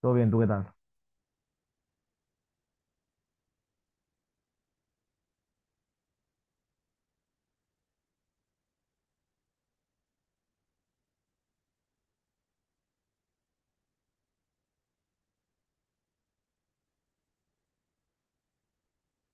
Todo bien, ¿tú qué tal?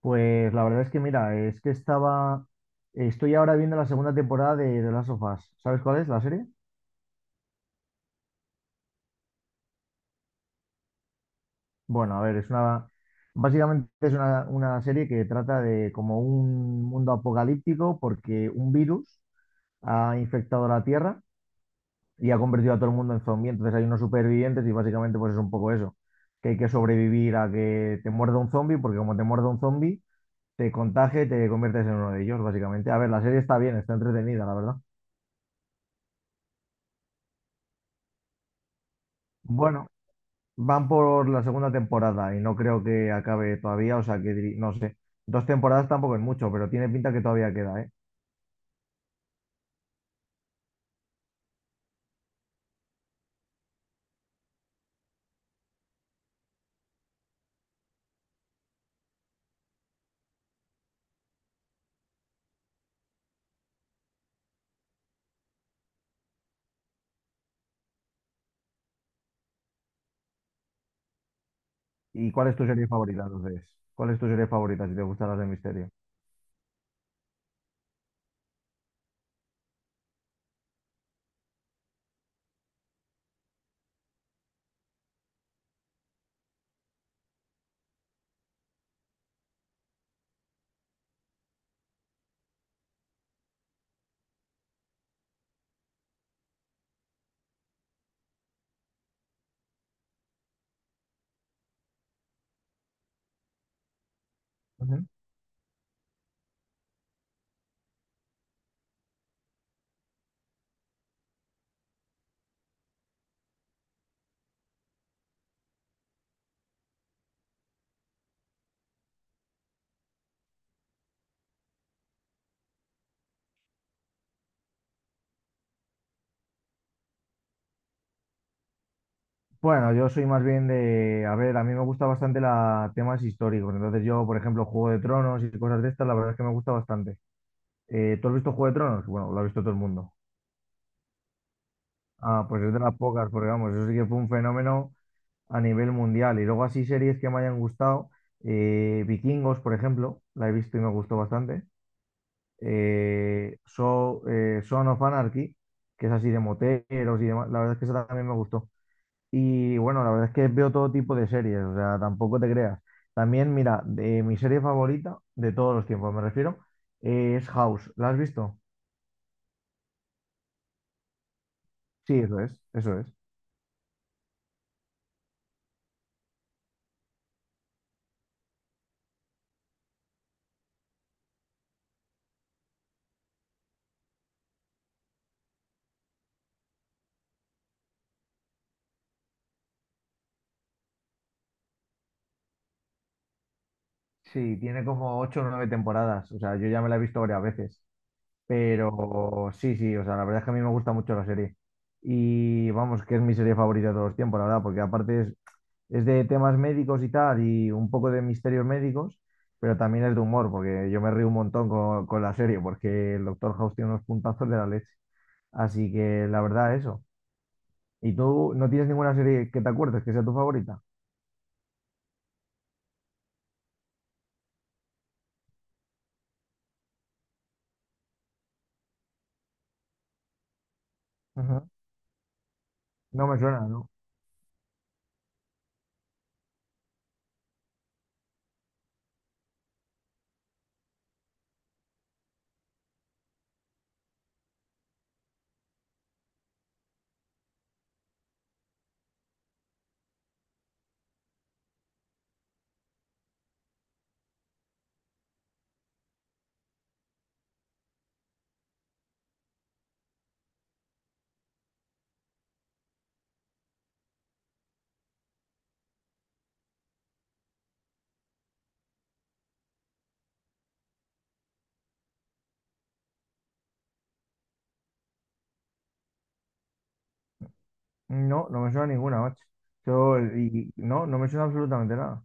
Pues la verdad es que mira, estoy ahora viendo la segunda temporada de The Last of Us. ¿Sabes cuál es la serie? Bueno, a ver, básicamente es una serie que trata de como un mundo apocalíptico porque un virus ha infectado la Tierra y ha convertido a todo el mundo en zombie. Entonces hay unos supervivientes y básicamente pues es un poco eso, que hay que sobrevivir a que te muerda un zombie porque como te muerda un zombie, te contagia y te conviertes en uno de ellos, básicamente. A ver, la serie está bien, está entretenida, la verdad. Bueno, van por la segunda temporada y no creo que acabe todavía, o sea que no sé. Dos temporadas tampoco es mucho, pero tiene pinta que todavía queda, ¿eh? ¿Y cuál es tu serie favorita entonces? ¿Cuál es tu serie favorita si te gustan las de misterio? Ujú. Bueno, yo soy más bien de, a ver, a mí me gusta bastante la, temas históricos, entonces yo, por ejemplo, Juego de Tronos y cosas de estas, la verdad es que me gusta bastante. ¿Tú has visto Juego de Tronos? Bueno, lo ha visto todo el mundo. Ah, pues es de las pocas, porque vamos, eso sí que fue un fenómeno a nivel mundial. Y luego así series que me hayan gustado, Vikingos, por ejemplo, la he visto y me gustó bastante. So, Son of Anarchy, que es así de moteros y demás, la verdad es que esa también me gustó. Y bueno, la verdad es que veo todo tipo de series, o sea, tampoco te creas. También, mira, de mi serie favorita de todos los tiempos, me refiero, es House. ¿La has visto? Sí, eso es, eso es. Sí, tiene como ocho o nueve temporadas, o sea, yo ya me la he visto varias veces. Pero sí, sí, o sea, la verdad es que a mí me gusta mucho la serie. Y vamos, que es mi serie favorita de todos los tiempos, la verdad, porque aparte es de temas médicos y tal, y un poco de misterios médicos, pero también es de humor, porque yo me río un montón con, la serie, porque el Doctor House tiene unos puntazos de la leche. Así que la verdad, eso. ¿Y tú no tienes ninguna serie que te acuerdes que sea tu favorita? Ujú. No me suena, ¿no? No, no me suena ninguna, macho. No, no me suena absolutamente nada.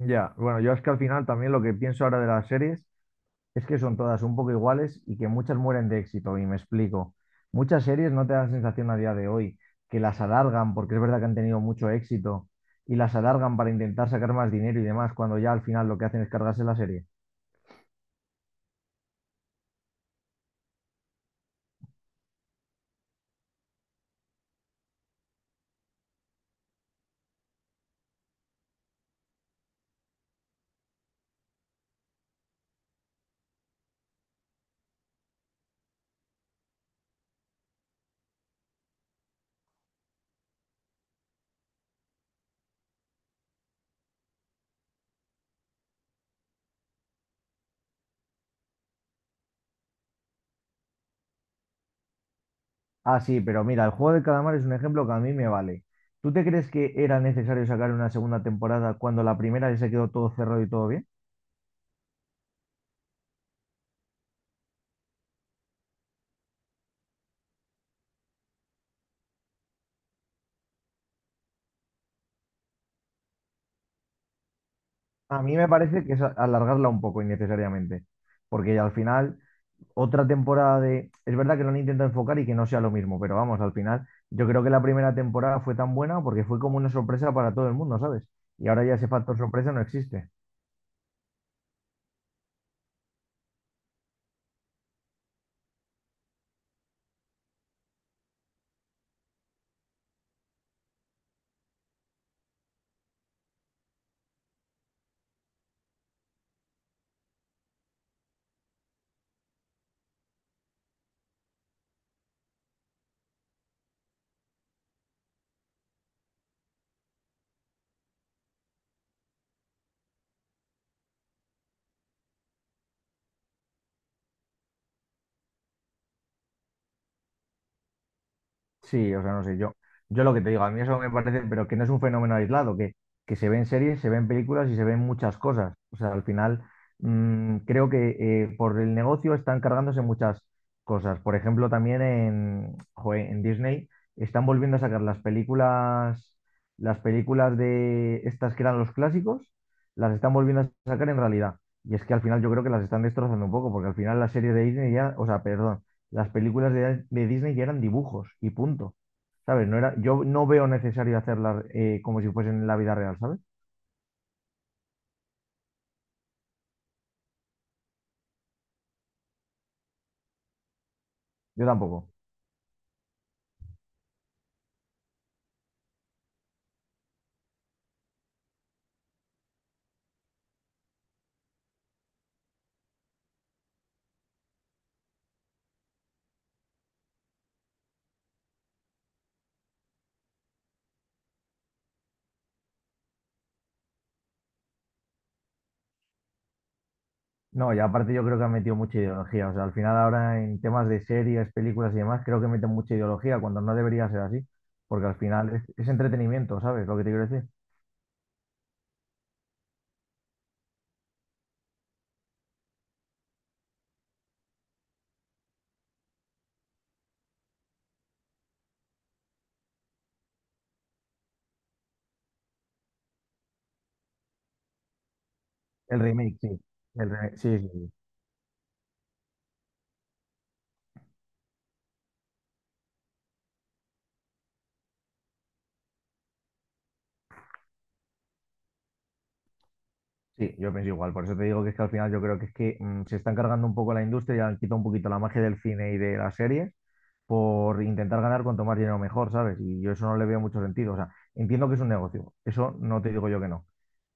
Ya, bueno, yo es que al final también lo que pienso ahora de las series es que son todas un poco iguales y que muchas mueren de éxito, y me explico. Muchas series no te dan sensación a día de hoy que las alargan, porque es verdad que han tenido mucho éxito, y las alargan para intentar sacar más dinero y demás, cuando ya al final lo que hacen es cargarse la serie. Ah, sí, pero mira, el juego del calamar es un ejemplo que a mí me vale. ¿Tú te crees que era necesario sacar una segunda temporada cuando la primera ya se quedó todo cerrado y todo bien? A mí me parece que es alargarla un poco innecesariamente, porque al final otra temporada de... Es verdad que lo han intentado enfocar y que no sea lo mismo, pero vamos, al final yo creo que la primera temporada fue tan buena porque fue como una sorpresa para todo el mundo, ¿sabes? Y ahora ya ese factor sorpresa no existe. Sí, o sea, no sé, yo lo que te digo, a mí eso me parece, pero que no es un fenómeno aislado, que se ven series, se ven películas y se ven muchas cosas. O sea, al final creo que por el negocio están cargándose muchas cosas. Por ejemplo, también joe, en Disney están volviendo a sacar las películas de estas que eran los clásicos, las están volviendo a sacar en realidad. Y es que al final yo creo que las están destrozando un poco, porque al final las series de Disney ya, o sea, perdón, las películas de, Disney ya eran dibujos y punto. ¿Sabes? No era, yo no veo necesario hacerlas como si fuesen en la vida real, ¿sabes? Yo tampoco. No, y aparte yo creo que han metido mucha ideología. O sea, al final ahora en temas de series, películas y demás, creo que meten mucha ideología cuando no debería ser así. Porque al final es entretenimiento, ¿sabes? Lo que te quiero decir. El remake, sí. El remake, sí, sí, sí. Sí, yo pienso igual. Por eso te digo que es que al final yo creo que es que se están cargando un poco la industria y han quitado un poquito la magia del cine y de la serie por intentar ganar cuanto más dinero mejor, ¿sabes? Y yo eso no le veo mucho sentido. O sea, entiendo que es un negocio, eso no te digo yo que no.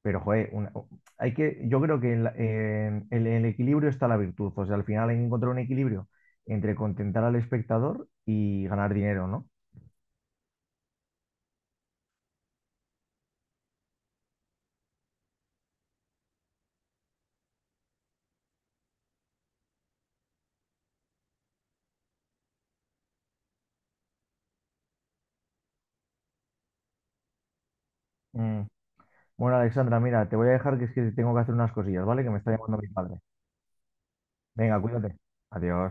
Pero, joder, yo creo que en el equilibrio está la virtud. O sea, al final hay que encontrar un equilibrio entre contentar al espectador y ganar dinero, ¿no? Mm. Bueno, Alexandra, mira, te voy a dejar que es que tengo que hacer unas cosillas, ¿vale? Que me está llamando mi padre. Venga, cuídate. Adiós.